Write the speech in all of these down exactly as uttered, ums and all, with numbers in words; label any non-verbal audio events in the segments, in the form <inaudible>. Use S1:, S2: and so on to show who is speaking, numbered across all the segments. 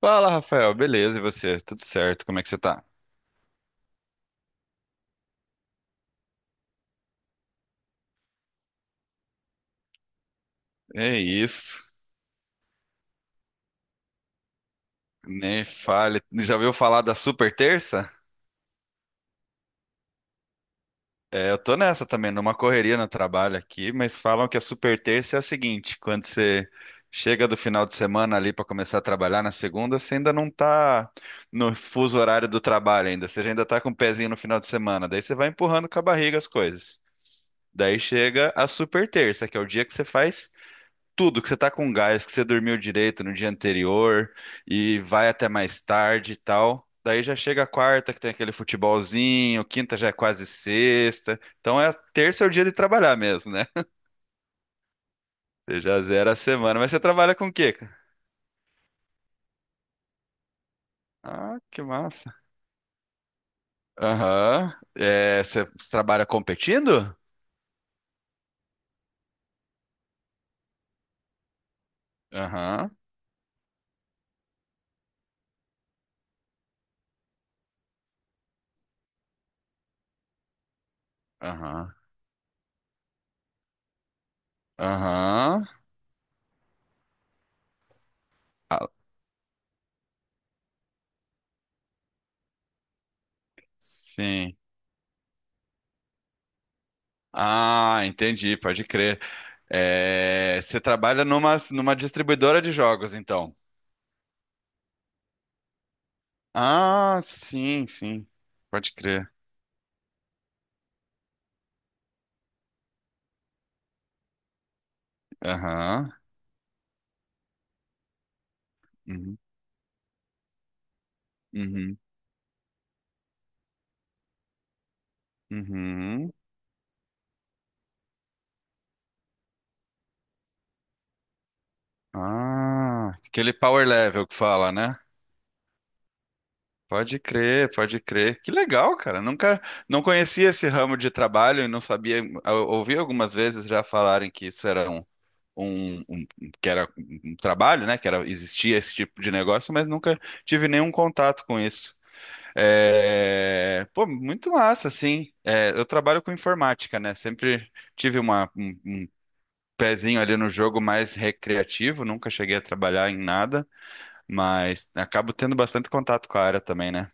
S1: Fala, Rafael. Beleza, e você? Tudo certo? Como é que você tá? É isso. Nem fale. Já ouviu falar da Super Terça? É, eu tô nessa também, numa correria no trabalho aqui, mas falam que a Super Terça é o seguinte, quando você chega do final de semana ali pra começar a trabalhar na segunda, você ainda não tá no fuso horário do trabalho ainda, você ainda tá com o pezinho no final de semana, daí você vai empurrando com a barriga as coisas. Daí chega a Super Terça, que é o dia que você faz tudo, que você tá com gás, que você dormiu direito no dia anterior e vai até mais tarde e tal. Daí já chega a quarta, que tem aquele futebolzinho, quinta já é quase sexta. Então é terça é o dia de trabalhar mesmo, né? Você já zera a semana. Mas você trabalha com o quê, cara? Ah, que massa. Aham. É, você você trabalha competindo? Aham, aham, aham. Ah, sim. Ah, entendi, pode crer. É, você trabalha numa, numa distribuidora de jogos, então. Ah, sim, sim. Pode crer. Aham. Uhum. Uhum. Uhum. Ah, aquele power level que fala, né? Pode crer, pode crer. Que legal, cara. Nunca, não conhecia esse ramo de trabalho e não sabia. eu Ouvi algumas vezes já falarem que isso era um, um, um- que era um trabalho, né? Que era, existia esse tipo de negócio, mas nunca tive nenhum contato com isso. É, pô, muito massa, sim. É, eu trabalho com informática, né? Sempre tive uma- um, um pezinho ali no jogo mais recreativo, nunca cheguei a trabalhar em nada, mas acabo tendo bastante contato com a área também, né?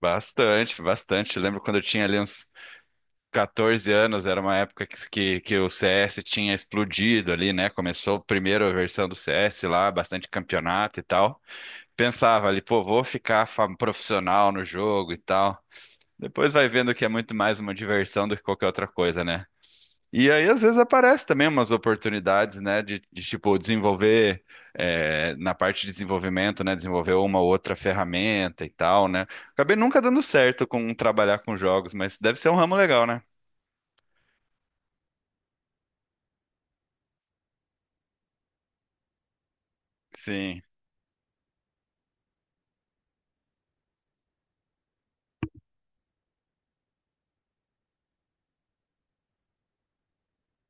S1: Bastante, bastante. Lembro quando eu tinha ali uns quatorze anos, era uma época que, que, que o C S tinha explodido ali, né? Começou a primeira versão do C S lá, bastante campeonato e tal. Pensava ali, pô, vou ficar fam- profissional no jogo e tal. Depois vai vendo que é muito mais uma diversão do que qualquer outra coisa, né? E aí, às vezes, aparece também umas oportunidades, né, de, de, tipo, desenvolver, é, na parte de desenvolvimento, né, desenvolver uma ou outra ferramenta e tal, né? Acabei nunca dando certo com trabalhar com jogos, mas deve ser um ramo legal, né? Sim.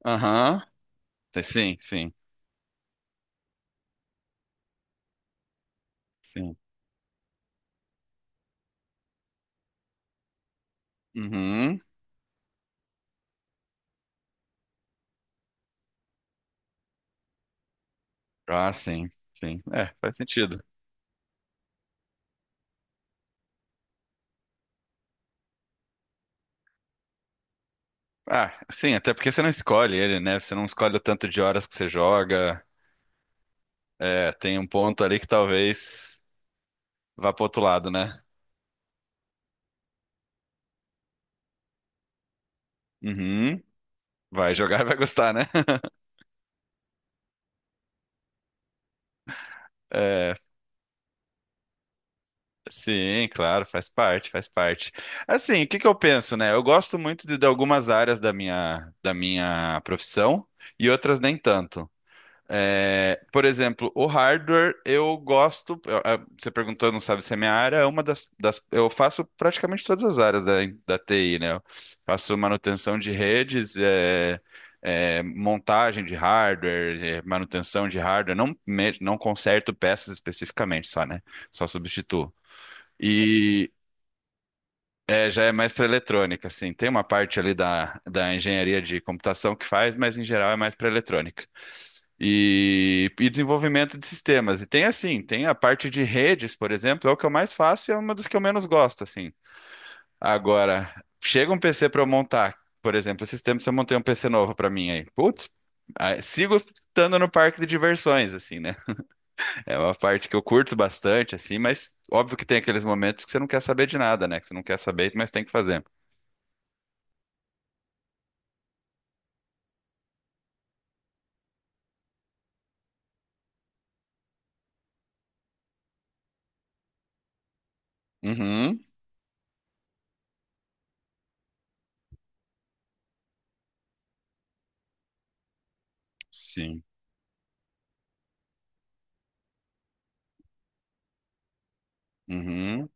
S1: Aham. Sim, sim, sim. Uhum. Ah, sim, sim. É, faz sentido. Ah, sim, até porque você não escolhe ele, né? Você não escolhe o tanto de horas que você joga. É, tem um ponto ali que talvez vá pro outro lado, né? Uhum. Vai jogar e vai gostar, né? <laughs> É, sim, claro, faz parte, faz parte. Assim, o que que eu penso, né? Eu gosto muito de, de algumas áreas da minha, da minha profissão e outras nem tanto. É, por exemplo, o hardware eu gosto. eu- eu- Você perguntou, não sabe se é minha área. é uma das, das- Eu faço praticamente todas as áreas da, da T I, né? Eu faço manutenção de redes, é, é, montagem de hardware, é, manutenção de hardware, não, me- não conserto peças especificamente só, né? Só substituo. É, já é mais para eletrônica, assim. Tem uma parte ali da, da engenharia de computação que faz, mas em geral é mais para eletrônica. E, e desenvolvimento de sistemas. E tem assim, tem a parte de redes, por exemplo, é o que eu mais faço e é uma das que eu menos gosto, assim. Agora, chega um P C para eu montar, por exemplo, esses tempos eu montei um P C novo para mim aí. Putz, ah, sigo estando no parque de diversões, assim, né? É uma parte que eu curto bastante, assim, mas óbvio que tem aqueles momentos que você não quer saber de nada, né? Que você não quer saber, mas tem que fazer. Uhum, sim. Uhum.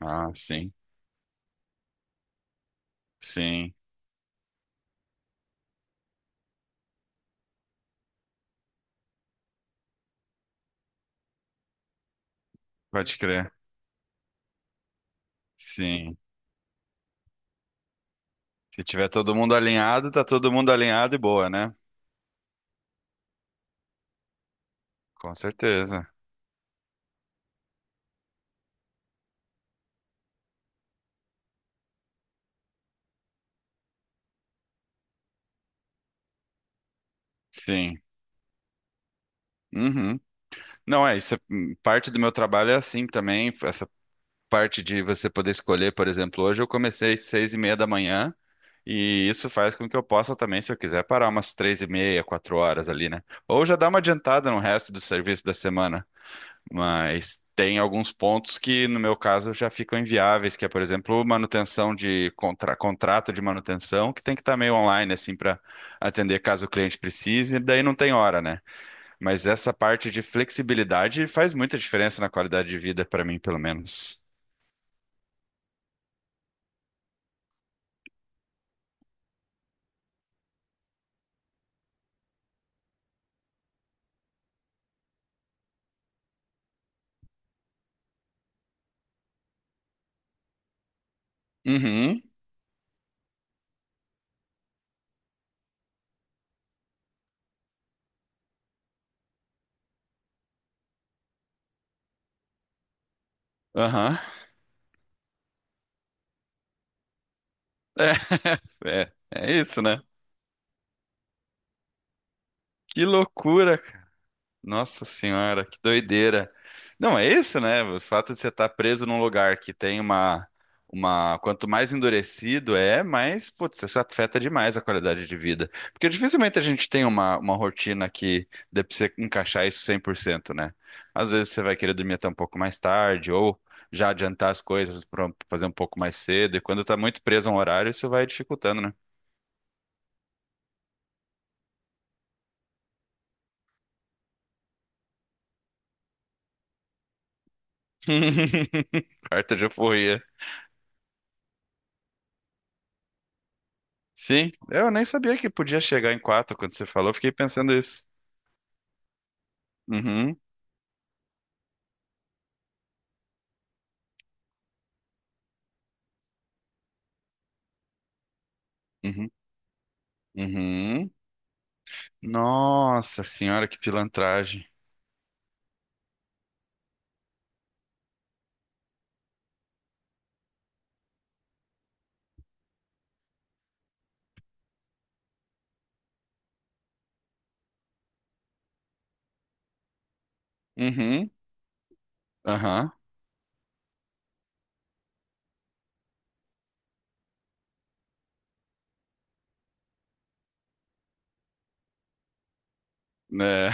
S1: Ah, sim. Sim. Pode crer. Sim. Se tiver todo mundo alinhado, tá todo mundo alinhado e boa, né? Com certeza. Sim. Uhum. Não, é, isso é- hum, parte do meu trabalho é assim também. Essa parte de você poder escolher, por exemplo, hoje eu comecei às seis e meia da manhã. E isso faz com que eu possa também, se eu quiser, parar umas três e meia, quatro horas ali, né? Ou já dar uma adiantada no resto do serviço da semana. Mas tem alguns pontos que, no meu caso, já ficam inviáveis, que é, por exemplo, manutenção de contra- contrato de manutenção, que tem que estar meio online, assim, para atender caso o cliente precise, e daí não tem hora, né? Mas essa parte de flexibilidade faz muita diferença na qualidade de vida, para mim, pelo menos. Uhum, aham. <laughs> É, é, é isso, né? Que loucura. Nossa senhora, que doideira. Não, é isso, né? O fato de você estar preso num lugar que tem uma, uma, quanto mais endurecido é, mais, putz, isso afeta demais a qualidade de vida. Porque dificilmente a gente tem uma, uma rotina que dê pra você encaixar isso cem por cento, né? Às vezes você vai querer dormir até um pouco mais tarde, ou já adiantar as coisas para fazer um pouco mais cedo, e quando tá muito preso a um horário, isso vai dificultando, né? <laughs> Carta de euforia. Sim, eu nem sabia que podia chegar em quatro quando você falou, fiquei pensando isso. Uhum, uhum, uhum. Nossa senhora, que pilantragem. Uhum, aham, né?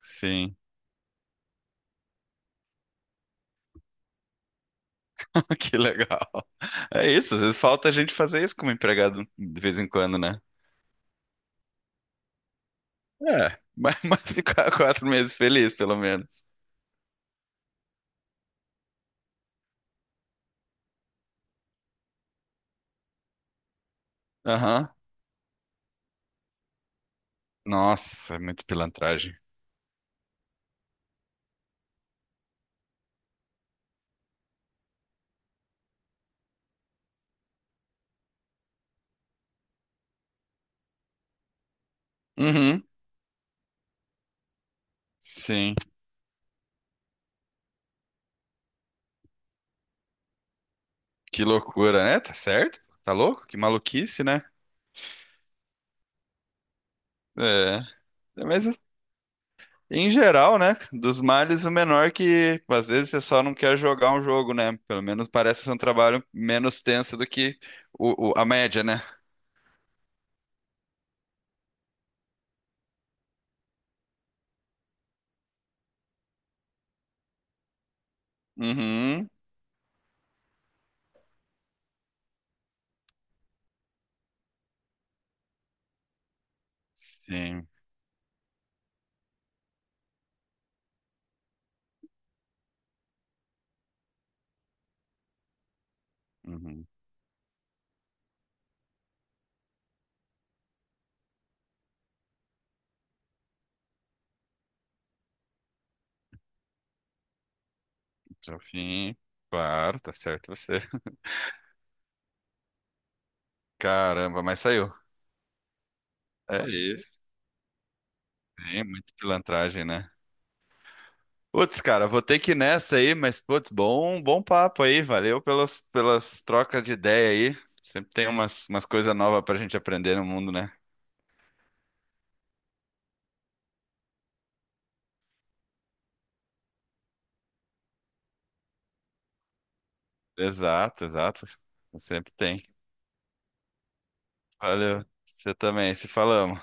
S1: Sim, <laughs> que legal. É isso, às vezes falta a gente fazer isso como empregado de vez em quando, né? É, mas, <laughs> mas ficar quatro meses feliz, pelo menos. Aham. Nossa, é muito pilantragem. Uhum, sim, que loucura, né? Tá certo? Tá louco? Que maluquice, né? É. Mas em geral, né? Dos males, o menor que às vezes você só não quer jogar um jogo, né? Pelo menos parece ser um trabalho menos tenso do que o, o- a média, né? Uhum. Sim. Uhum. Até o fim. Claro, tá certo você. <laughs> Caramba, mas saiu. É isso. Sim, muita pilantragem, né? Putz, cara, vou ter que ir nessa aí, mas putz, bom, bom papo aí. Valeu pelas, pelas trocas de ideia aí. Sempre tem umas, umas coisas novas pra gente aprender no mundo, né? Exato, exato. Sempre tem. Valeu, você também, se falamos.